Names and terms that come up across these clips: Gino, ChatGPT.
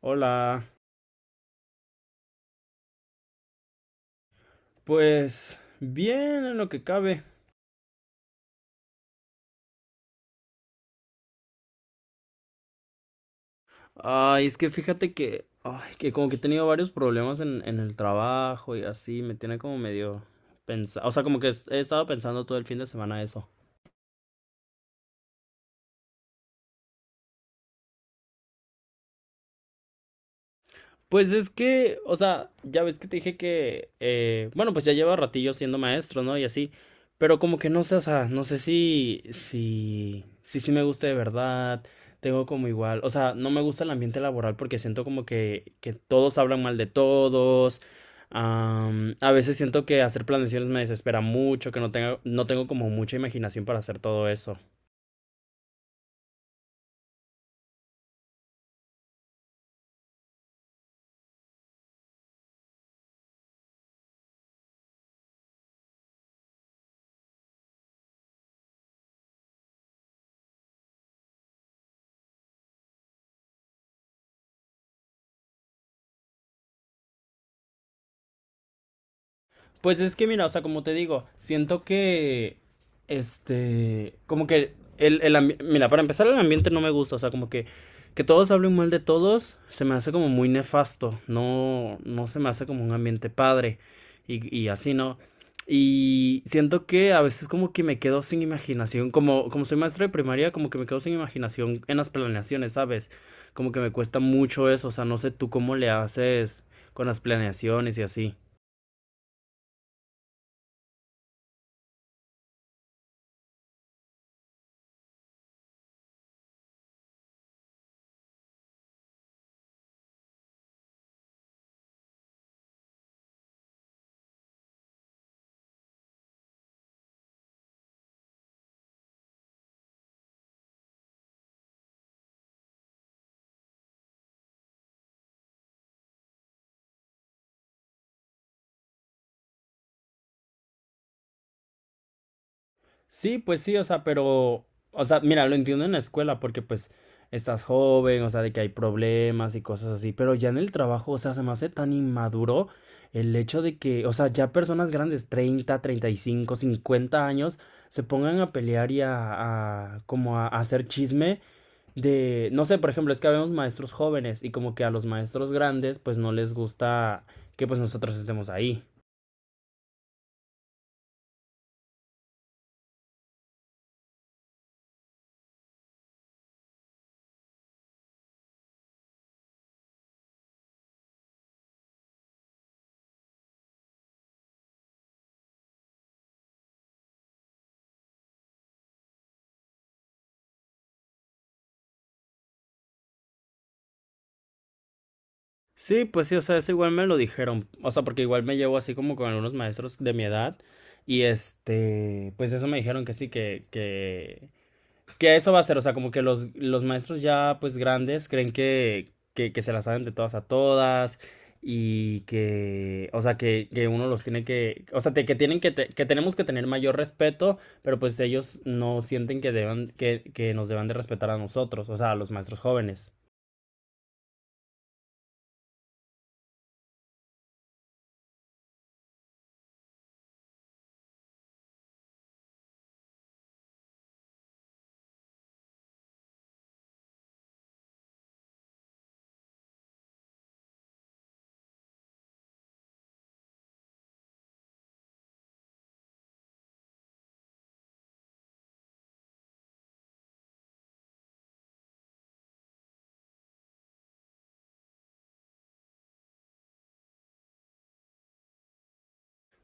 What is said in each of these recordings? Hola, pues bien en lo que cabe. Ay, es que fíjate que, ay, que como que he tenido varios problemas en el trabajo y así, me tiene como medio pensado, o sea, como que he estado pensando todo el fin de semana eso. Pues es que, o sea, ya ves que te dije que, bueno, pues ya lleva ratillo siendo maestro, ¿no? Y así, pero como que no sé, o sea, no sé si sí me gusta de verdad. Tengo como igual, o sea, no me gusta el ambiente laboral porque siento como que todos hablan mal de todos. A veces siento que hacer planeaciones me desespera mucho, que no tengo como mucha imaginación para hacer todo eso. Pues es que mira, o sea, como te digo, siento que, este, como que mira, para empezar el ambiente no me gusta. O sea, como que todos hablen mal de todos se me hace como muy nefasto. No, no se me hace como un ambiente padre y así, ¿no? Y siento que a veces como que me quedo sin imaginación, como soy maestro de primaria, como que me quedo sin imaginación en las planeaciones, ¿sabes? Como que me cuesta mucho eso, o sea, no sé tú cómo le haces con las planeaciones y así. Sí, pues sí, o sea, pero, o sea, mira, lo entiendo en la escuela porque pues estás joven, o sea, de que hay problemas y cosas así. Pero ya en el trabajo, o sea, se me hace tan inmaduro el hecho de que, o sea, ya personas grandes, 30, 35, 50 años, se pongan a pelear y como a hacer chisme de, no sé, por ejemplo. Es que habemos maestros jóvenes y como que a los maestros grandes pues no les gusta que pues nosotros estemos ahí. Sí, pues sí, o sea, eso igual me lo dijeron, o sea, porque igual me llevo así como con algunos maestros de mi edad y este, pues eso me dijeron que sí, que eso va a ser, o sea, como que los maestros ya pues grandes creen que se las saben de todas a todas. Y que, o sea, que uno los tiene que, o sea, que tienen que, que tenemos que tener mayor respeto, pero pues ellos no sienten que deban, que nos deban de respetar a nosotros, o sea, a los maestros jóvenes.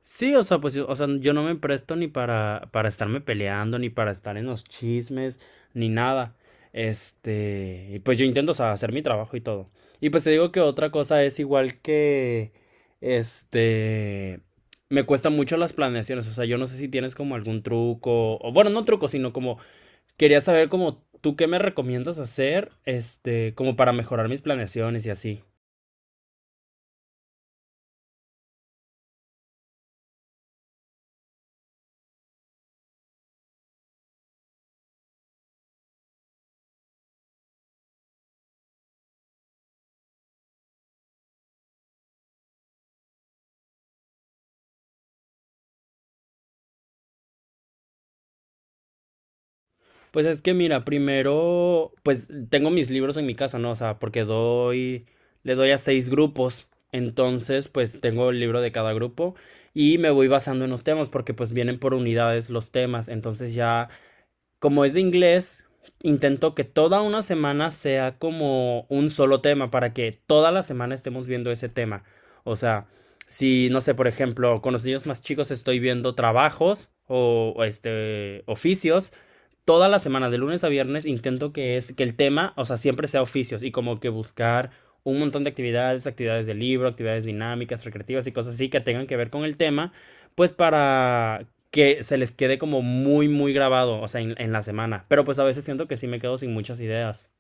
Sí, o sea, pues yo, o sea, yo no me presto ni para estarme peleando, ni para estar en los chismes, ni nada. Este, y pues yo intento, o sea, hacer mi trabajo y todo. Y pues te digo que otra cosa es igual que, este, me cuestan mucho las planeaciones, o sea, yo no sé si tienes como algún truco, o bueno, no truco, sino como, quería saber como tú qué me recomiendas hacer, este, como para mejorar mis planeaciones y así. Pues es que mira, primero, pues tengo mis libros en mi casa, ¿no? O sea, porque le doy a seis grupos. Entonces, pues tengo el libro de cada grupo y me voy basando en los temas porque pues vienen por unidades los temas. Entonces ya, como es de inglés, intento que toda una semana sea como un solo tema para que toda la semana estemos viendo ese tema. O sea, si, no sé, por ejemplo, con los niños más chicos estoy viendo trabajos o oficios toda la semana, de lunes a viernes. Intento que es que el tema, o sea, siempre sea oficios y como que buscar un montón de actividades, actividades de libro, actividades dinámicas, recreativas y cosas así que tengan que ver con el tema, pues para que se les quede como muy, muy grabado, o sea, en la semana. Pero pues a veces siento que sí me quedo sin muchas ideas.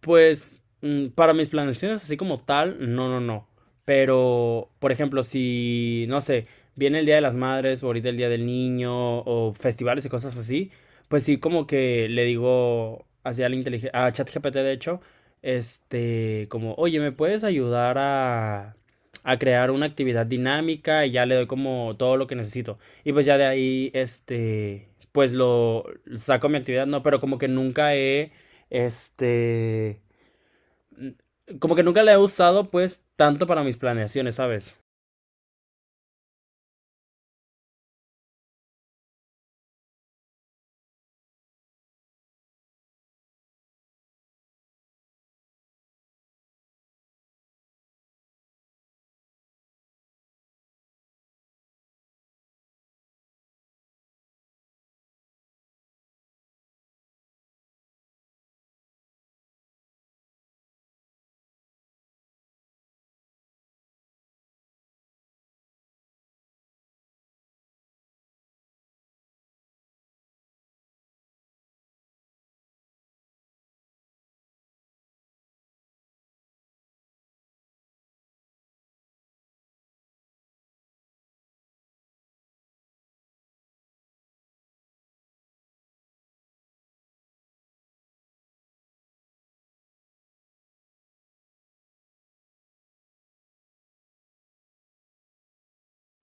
Pues para mis planeaciones así como tal, no, no, no. Pero, por ejemplo, si, no sé, viene el Día de las Madres o ahorita el Día del Niño o festivales y cosas así, pues sí, como que le digo hacia la inteligencia, a ChatGPT de hecho, este, como, oye, ¿me puedes ayudar a crear una actividad dinámica? Y ya le doy como todo lo que necesito. Y pues ya de ahí, este, pues lo saco mi actividad, no, pero como que nunca he este, como que nunca la he usado pues tanto para mis planeaciones, ¿sabes?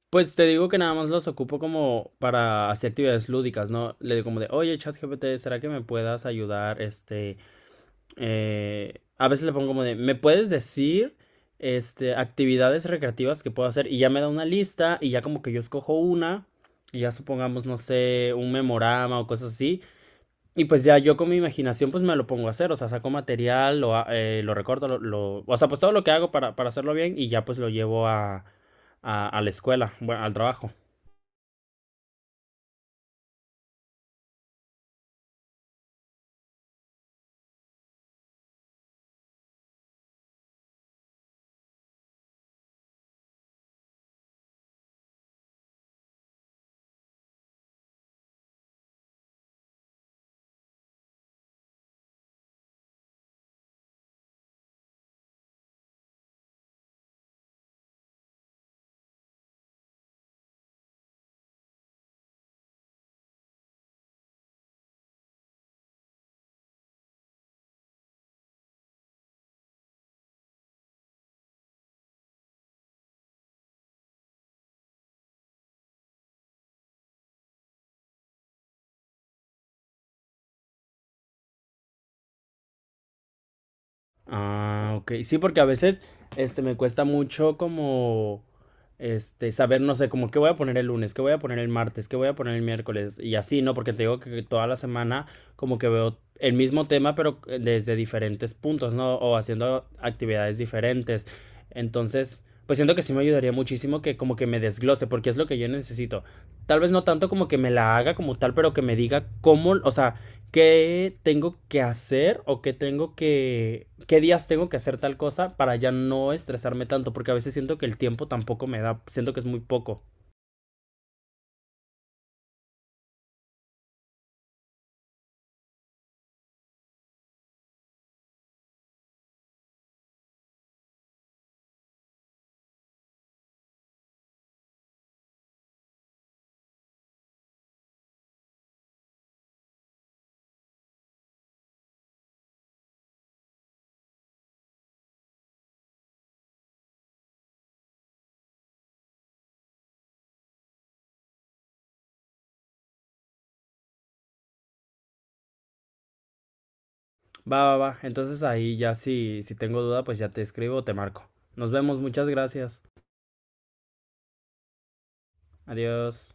Pues te digo que nada más los ocupo como para hacer actividades lúdicas, ¿no? Le digo como de, oye, ChatGPT, ¿será que me puedas ayudar? A veces le pongo como de, ¿me puedes decir, este, actividades recreativas que puedo hacer? Y ya me da una lista y ya como que yo escojo una y ya supongamos, no sé, un memorama o cosas así. Y pues ya yo con mi imaginación pues me lo pongo a hacer, o sea, saco material, lo recorto, o sea, pues todo lo que hago para hacerlo bien y ya pues lo llevo a, a la escuela, bueno, al trabajo. Ah, ok. Sí, porque a veces este me cuesta mucho como este saber, no sé, como qué voy a poner el lunes, qué voy a poner el martes, qué voy a poner el miércoles y así, ¿no? Porque te digo que toda la semana como que veo el mismo tema pero desde diferentes puntos, ¿no? O haciendo actividades diferentes. Entonces, pues siento que sí me ayudaría muchísimo que como que me desglose porque es lo que yo necesito. Tal vez no tanto como que me la haga como tal, pero que me diga cómo, o sea, qué tengo que hacer o qué días tengo que hacer tal cosa para ya no estresarme tanto, porque a veces siento que el tiempo tampoco me da, siento que es muy poco. Va, va, va. Entonces ahí ya si tengo duda, pues ya te escribo o te marco. Nos vemos, muchas gracias. Adiós.